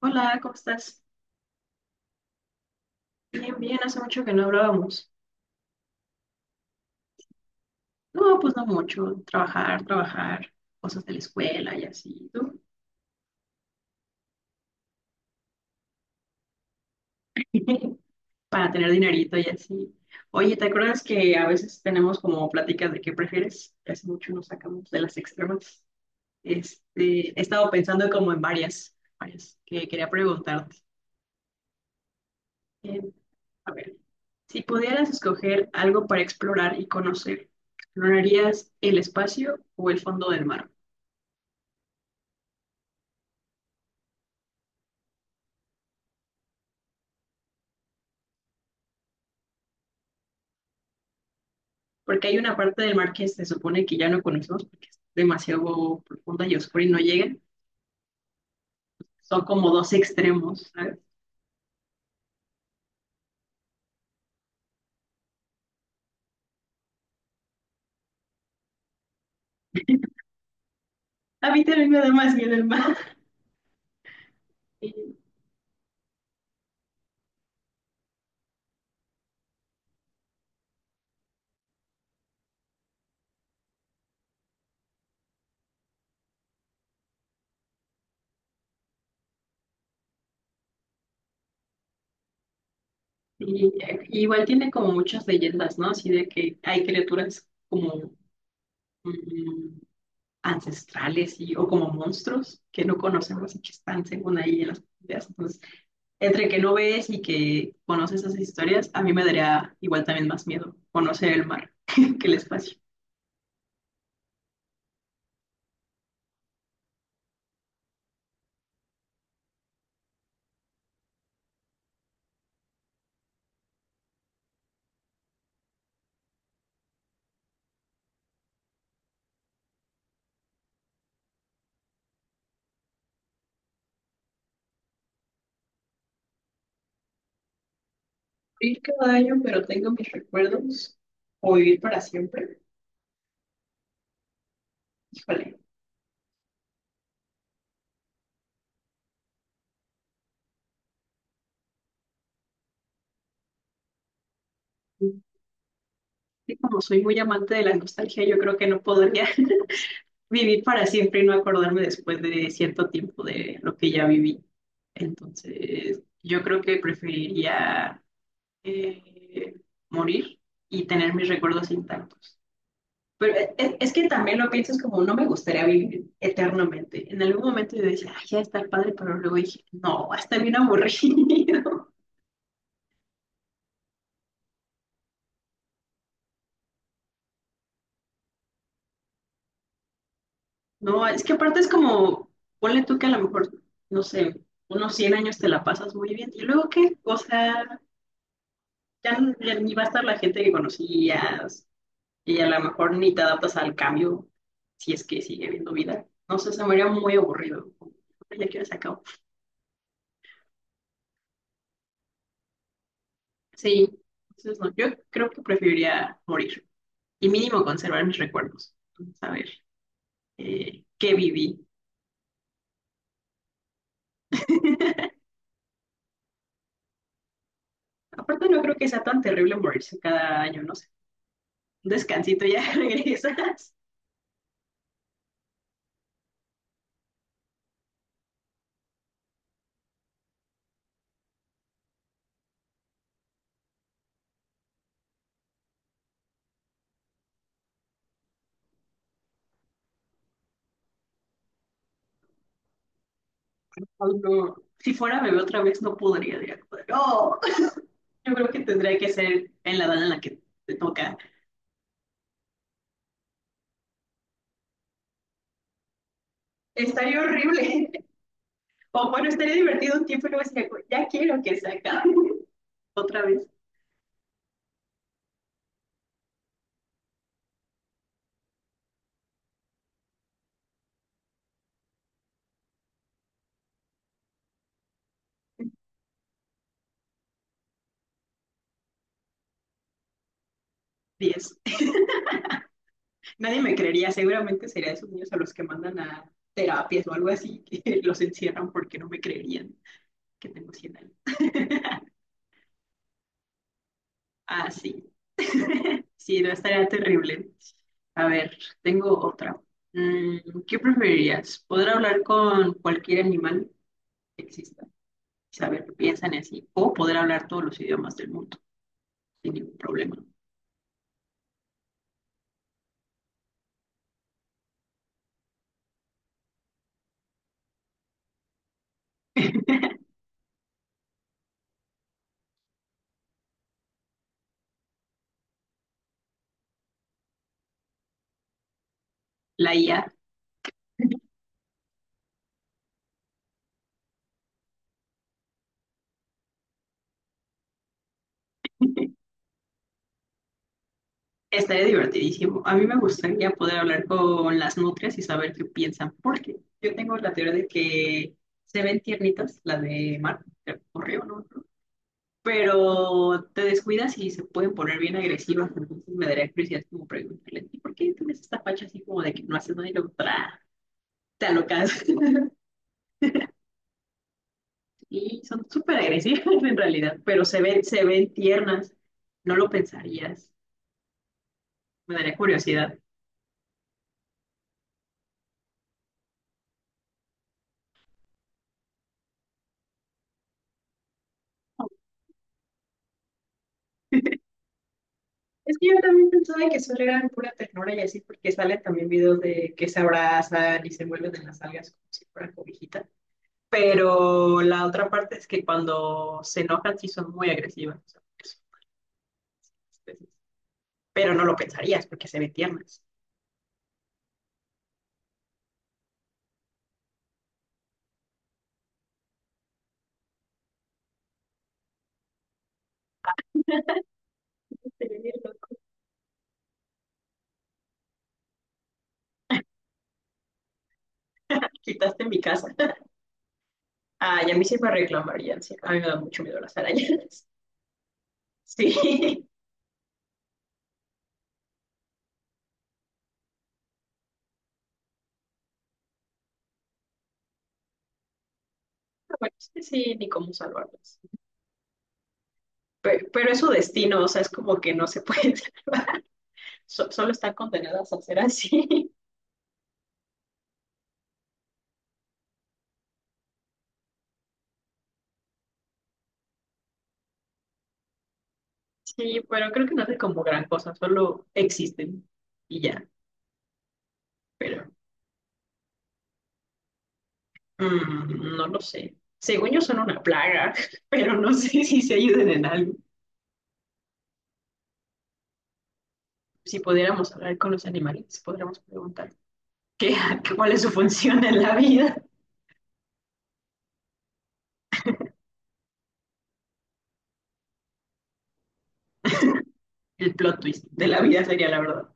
Hola, ¿cómo estás? Bien, bien, hace mucho que no hablábamos. No, pues no mucho. Trabajar, trabajar, cosas de la escuela y así, ¿tú? Para tener dinerito y así. Oye, ¿te acuerdas que a veces tenemos como pláticas de qué prefieres? Hace mucho nos sacamos de las extremas. He estado pensando como en varias que quería preguntarte. Eh, a ver, si pudieras escoger algo para explorar y conocer, ¿explorarías el espacio o el fondo del mar? Porque hay una parte del mar que se supone que ya no conocemos porque es demasiado profunda y oscura y no llega. Son como dos extremos, ¿sabes? A mí también me da más miedo el mar. Y, y- y igual tiene como muchas leyendas, ¿no? Así de que hay criaturas como mm, ancestrales y, o como monstruos que no conocemos y que están según ahí en las profundidades. Entonces, entre que no ves y que conoces esas historias, a mí me daría igual también más miedo conocer el mar que el espacio. Ir cada año, pero tengo mis recuerdos, o vivir para siempre. Híjole, y como soy muy amante de la nostalgia, yo creo que no podría vivir para siempre y no acordarme después de cierto tiempo de lo que ya viví. Entonces, yo creo que preferiría eh, morir y tener mis recuerdos intactos. Pero es que también lo piensas como, no me gustaría vivir eternamente. En algún momento yo decía, ay, ya está padre, pero luego dije, no, va a estar bien aburrido. No, es que aparte es como, ponle tú que a lo mejor, no sé, unos 100 años te la pasas muy bien. ¿Y luego qué? O sea, ya, ya ni va a estar la gente que conocías y a lo mejor ni te adaptas al cambio si es que sigue habiendo vida. No sé, se me haría muy aburrido. Ya quiero se acabó. Sí, entonces no, yo creo que preferiría morir y mínimo conservar mis recuerdos. Saber qué viví. Aparte no creo que sea tan terrible morirse cada año, ¿no? Un descansito, ya regresas. Ay, no. Si fuera bebé otra vez, no podría. Diría, no, yo creo que tendría que ser en la edad en la que te toca. Estaría horrible. O bueno, estaría divertido un tiempo y luego decía, ya quiero que se acabe. Otra vez, 10 nadie me creería. Seguramente sería esos niños a los que mandan a terapias o algo así, que los encierran porque no me creerían que tengo 100 años. Ah, sí. Sí, no estaría terrible. A ver, tengo otra. ¿Qué preferirías? ¿Poder hablar con cualquier animal que exista? Saber qué piensan y así. O poder hablar todos los idiomas del mundo sin ningún problema. La IA estaría divertidísimo. A mí me gustaría poder hablar con las nutrias y saber qué piensan. Porque yo tengo la teoría de que se ven tiernitas, la de Mar, creo, o Río, ¿no? Pero te descuidas y se pueden poner bien agresivas, entonces me daría curiosidad como preguntarle, ¿y por qué tienes esta facha así como de que no haces nada y luego te alocas? Y son súper agresivas en realidad, pero se ven tiernas, no lo pensarías, me daría curiosidad. Es que yo también pensaba que solo eran pura ternura y así, porque salen también videos de que se abrazan y se envuelven en las algas como si fueran cobijita. Pero la otra parte es que cuando se enojan sí son muy agresivas. O sea, pero no lo pensarías porque se ve tiernas. Quitaste en mi casa. Ah, y a mí sí me reclamarían, sí. A mí me da mucho miedo las arañas. Sí. Bueno, es que sí, ni cómo salvarlas. Pero es su destino, o sea, es como que no se puede salvar. Solo están condenadas a ser así. Sí, pero creo que no hace como gran cosa, solo existen y ya. Pero mm, no lo sé. Según yo son una plaga, pero no sé si se ayuden en algo. Si pudiéramos hablar con los animales, podríamos preguntar qué, cuál es su función en la vida. El plot twist de la vida sería la verdad.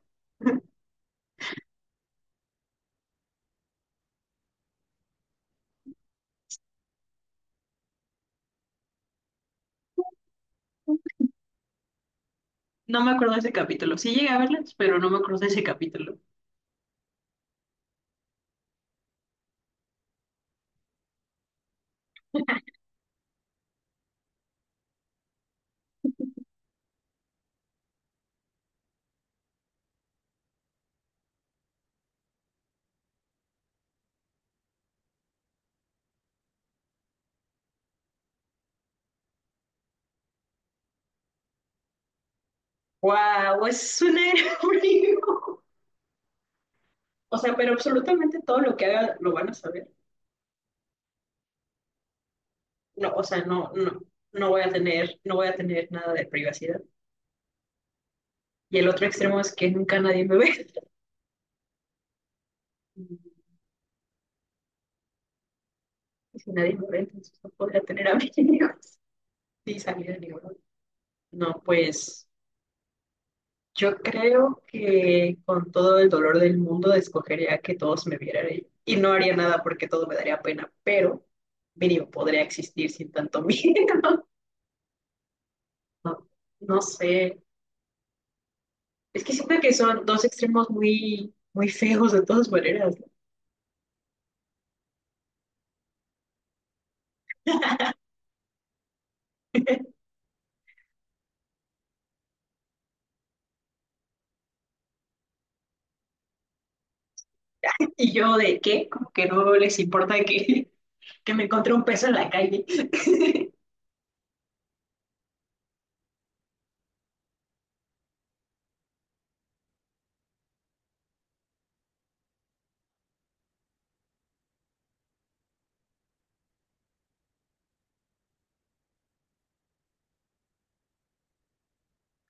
No me acuerdo de ese capítulo. Sí llegué a verlas, pero no me acuerdo de ese capítulo. ¡Wow! Es un aerobrío. O sea, pero absolutamente todo lo que haga lo van a saber. No, o sea, no, no, no voy a tener nada de privacidad. Y el otro extremo es que nunca nadie me ve. Y si nadie me ve, entonces no podría tener amigos. Sí, salir de ningún. No, pues yo creo que con todo el dolor del mundo escogería que todos me vieran y no haría nada porque todo me daría pena, pero mínimo podría existir sin tanto miedo. No, no sé. Es que siento que son dos extremos muy, muy feos de todas maneras, ¿no? Y yo de qué, como que no les importa que, que me encontré un peso en la calle.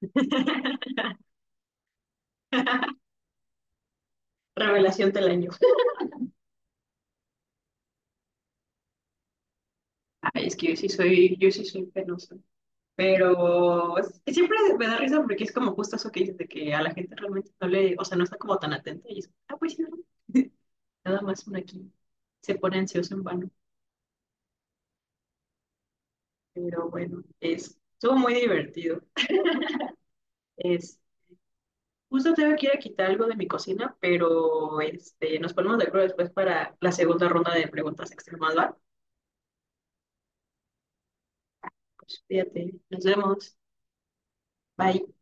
Revelación del año. Ay, es que yo sí soy penosa. Pero siempre me da risa porque es como justo eso que dices de que a la gente realmente no le, o sea, no está como tan atenta y es, ah, pues sí, ¿no? Nada más uno aquí se pone ansioso en vano. Pero bueno, estuvo muy divertido. Es, Justo tengo que ir a quitar algo de mi cocina, pero nos ponemos de acuerdo después para la segunda ronda de preguntas extremas, ¿va? Pues fíjate, nos vemos. Bye.